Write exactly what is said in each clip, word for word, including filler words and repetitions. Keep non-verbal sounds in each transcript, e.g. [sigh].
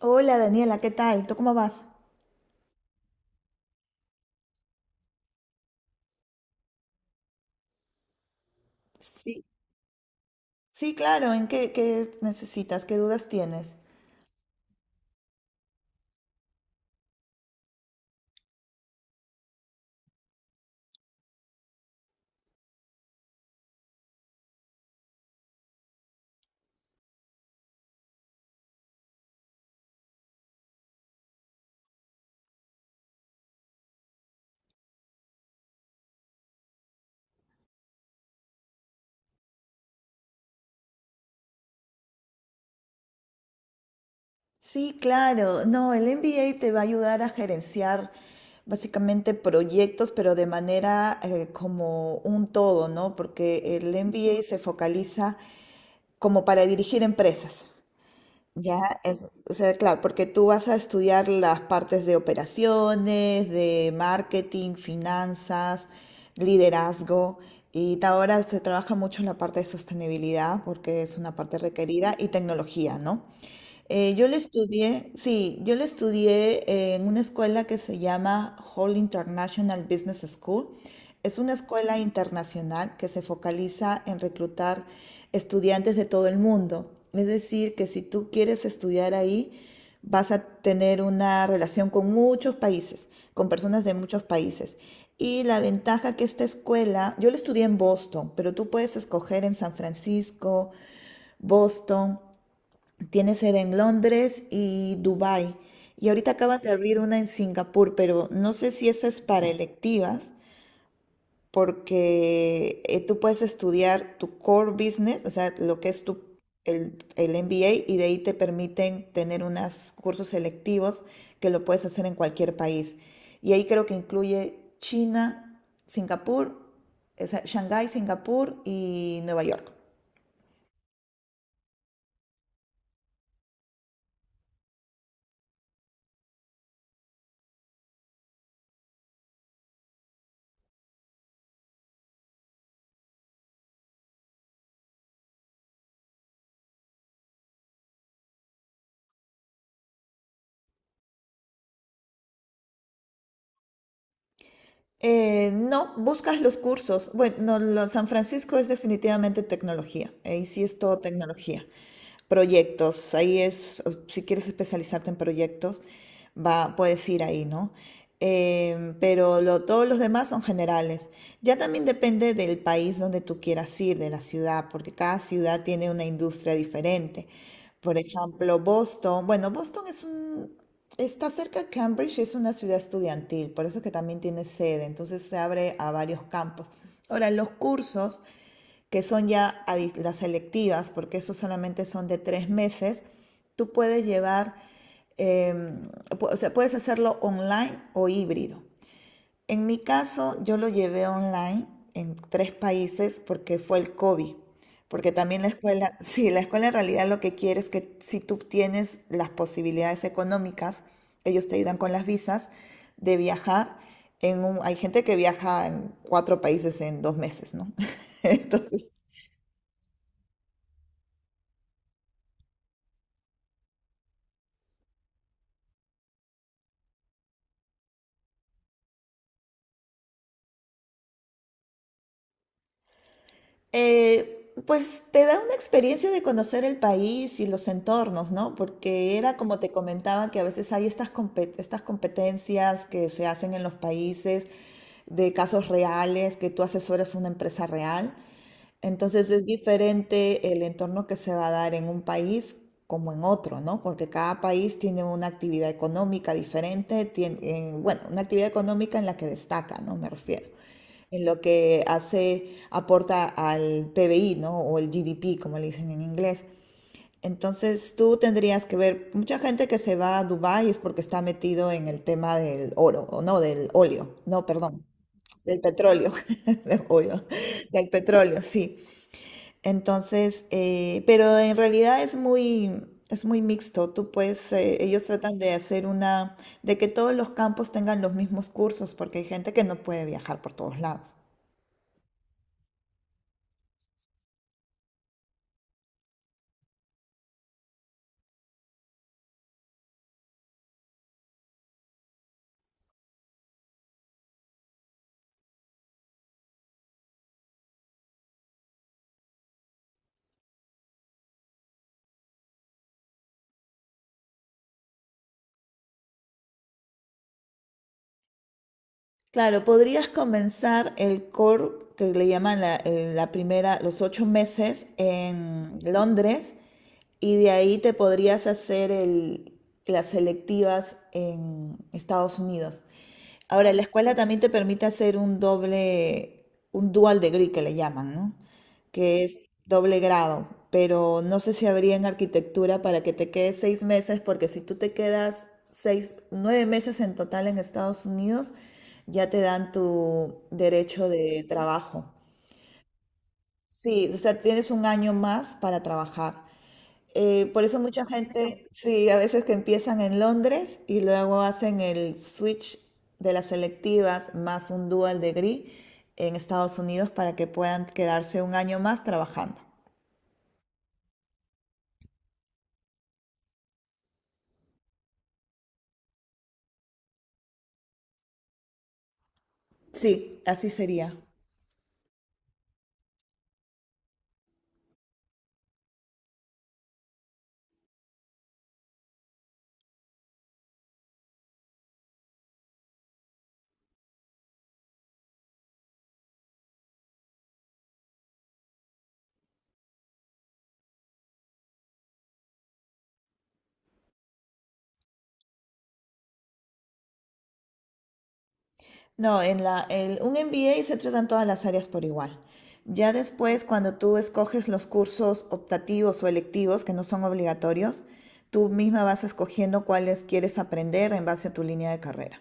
Hola Daniela, ¿qué tal? ¿Tú cómo vas? Sí, sí, claro. ¿En qué, qué necesitas? ¿Qué dudas tienes? Sí, claro. No, el M B A te va a ayudar a gerenciar básicamente proyectos, pero de manera eh, como un todo, ¿no? Porque el M B A se focaliza como para dirigir empresas. Ya, es, o sea, claro, porque tú vas a estudiar las partes de operaciones, de marketing, finanzas, liderazgo, y ta- ahora se trabaja mucho en la parte de sostenibilidad porque es una parte requerida y tecnología, ¿no? Eh, yo le estudié, sí, yo le estudié eh, en una escuela que se llama Hall International Business School. Es una escuela internacional que se focaliza en reclutar estudiantes de todo el mundo. Es decir, que si tú quieres estudiar ahí, vas a tener una relación con muchos países, con personas de muchos países. Y la ventaja que esta escuela, yo la estudié en Boston, pero tú puedes escoger en San Francisco, Boston. Tiene sede en Londres y Dubái. Y ahorita acaban de abrir una en Singapur, pero no sé si esa es para electivas, porque eh, tú puedes estudiar tu core business, o sea, lo que es tu, el, el M B A, y de ahí te permiten tener unos cursos selectivos que lo puedes hacer en cualquier país. Y ahí creo que incluye China, Singapur, o sea, Shanghái, Singapur y Nueva York. Eh, no, buscas los cursos. Bueno, no, lo- San Francisco es definitivamente tecnología. Ahí sí es todo tecnología. Proyectos, ahí es, si quieres especializarte en proyectos, va, puedes ir ahí, ¿no? Eh, pero lo- todos los demás son generales. Ya también depende del país donde tú quieras ir, de la ciudad, porque cada ciudad tiene una industria diferente. Por ejemplo, Boston, bueno, Boston es un, está cerca de Cambridge, es una ciudad estudiantil, por eso que también tiene sede, entonces se abre a varios campos. Ahora, los cursos que son ya las selectivas, porque esos solamente son de tres meses, tú puedes llevar, eh, o sea, puedes hacerlo online o híbrido. En mi caso, yo lo llevé online en tres países porque fue el COVID. Porque también la escuela, [laughs] sí, la escuela en realidad lo que quiere es que si tú tienes las posibilidades económicas, ellos te ayudan con las visas, de viajar en un, hay gente que viaja en cuatro países en dos meses, ¿no? [laughs] Entonces, Eh, pues te da una experiencia de conocer el país y los entornos, ¿no? Porque era como te comentaba que a veces hay estas, compe- estas competencias que se hacen en los países de casos reales, que tú asesoras una empresa real. Entonces es diferente el entorno que se va a dar en un país como en otro, ¿no? Porque cada país tiene una actividad económica diferente, tiene, eh, bueno, una actividad económica en la que destaca, ¿no? Me refiero. En lo que hace, aporta al P B I, ¿no? O el G D P, como le dicen en inglés. Entonces tú tendrías que ver, mucha gente que se va a Dubái es porque está metido en el tema del oro, o no, del óleo, no, perdón, del petróleo, [laughs] del óleo, del petróleo, sí. Entonces, eh, pero en realidad es muy, es muy mixto. Tú puedes, eh, ellos tratan de hacer una, de que todos los campos tengan los mismos cursos, porque hay gente que no puede viajar por todos lados. Claro, podrías comenzar el core que le llaman la, el- la primera, los ocho meses en Londres y de ahí te podrías hacer el- las selectivas en Estados Unidos. Ahora, la escuela también te permite hacer un doble, un dual degree que le llaman, ¿no? Que es doble grado, pero no sé si habría en arquitectura para que te quedes seis meses, porque si tú te quedas seis, nueve meses en total en Estados Unidos, ya te dan tu derecho de trabajo. Sí, o sea, tienes un año más para trabajar. Eh, por eso mucha gente, sí, a veces que empiezan en Londres y luego hacen el switch de las selectivas más un dual degree en Estados Unidos para que puedan quedarse un año más trabajando. Sí, así sería. No, en la, el- un M B A se tratan todas las áreas por igual. Ya después, cuando tú escoges los cursos optativos o electivos, que no son obligatorios, tú misma vas escogiendo cuáles quieres aprender en base a tu línea de carrera.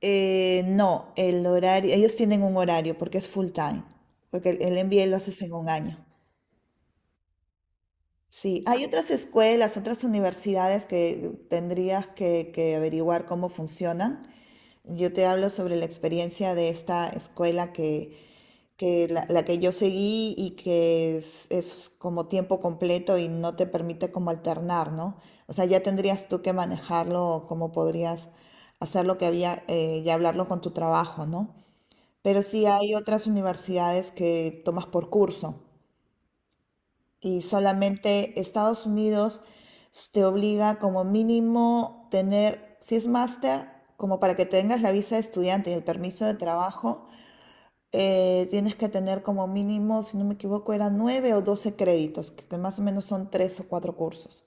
Eh, no, el horario, ellos tienen un horario porque es full time, porque el, el M B A lo haces en un año. Sí, hay otras escuelas, otras universidades que tendrías que, que averiguar cómo funcionan. Yo te hablo sobre la experiencia de esta escuela que, que la, la que yo seguí y que es, es como tiempo completo y no te permite como alternar, ¿no? O sea, ya tendrías tú que manejarlo, cómo podrías hacer lo que había eh, y hablarlo con tu trabajo, ¿no? Pero sí hay otras universidades que tomas por curso y solamente Estados Unidos te obliga como mínimo tener, si es máster, como para que tengas la visa de estudiante y el permiso de trabajo, eh, tienes que tener como mínimo, si no me equivoco, eran nueve o doce créditos, que, que más o menos son tres o cuatro cursos.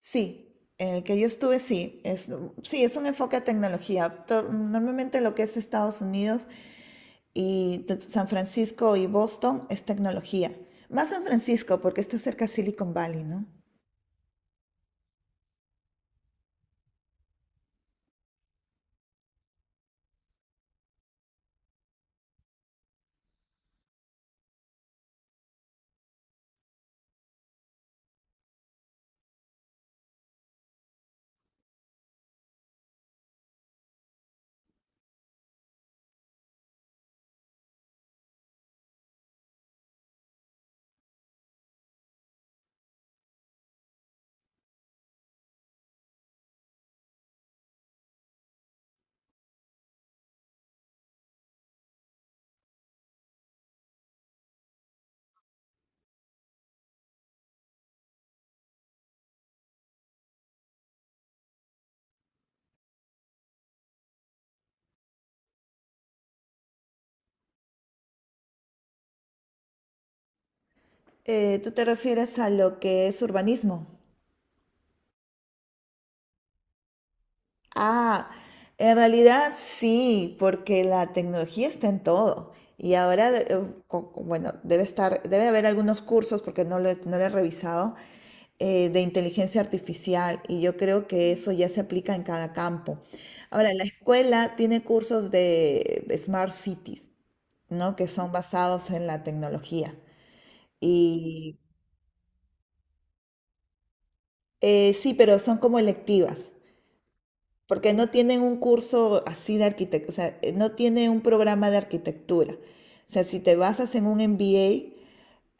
Sí, en el que yo estuve, sí, es, sí, es un enfoque a tecnología. To- Normalmente lo que es Estados Unidos y San Francisco y Boston es tecnología. Más San Francisco porque está cerca de Silicon Valley, ¿no? Eh, ¿tú te refieres a lo que es urbanismo? Ah, en realidad sí, porque la tecnología está en todo. Y ahora, eh, co- bueno, debe estar, debe haber algunos cursos, porque no lo, he- no lo he revisado, eh, de inteligencia artificial. Y yo creo que eso ya se aplica en cada campo. Ahora, la escuela tiene cursos de Smart Cities. ¿No? Que son basados en la tecnología. Y eh, sí, pero son como electivas, porque no tienen un curso así de arquitectura, o sea, eh, no tiene un programa de arquitectura. O sea, si te basas en un M B A,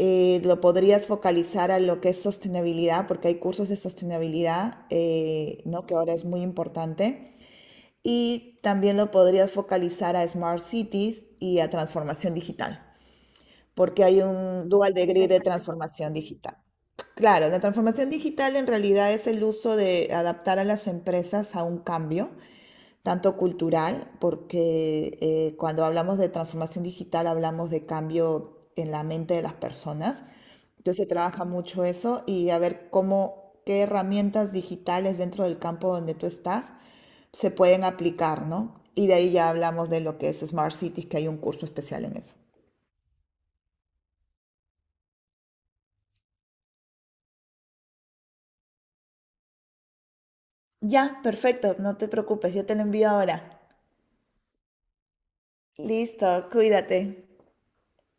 eh, lo podrías focalizar a lo que es sostenibilidad, porque hay cursos de sostenibilidad, eh, ¿no? Que ahora es muy importante. Y también lo podrías focalizar a Smart Cities y a transformación digital. Porque hay un dual degree de transformación digital. Claro, la transformación digital en realidad es el uso de adaptar a las empresas a un cambio, tanto cultural, porque eh, cuando hablamos de transformación digital hablamos de cambio en la mente de las personas. Entonces se trabaja mucho eso y a ver cómo, qué herramientas digitales dentro del campo donde tú estás se pueden aplicar, ¿no? Y de ahí ya hablamos de lo que es Smart Cities, que hay un curso especial en eso. Ya, perfecto, no te preocupes, yo te lo envío ahora. Listo, cuídate.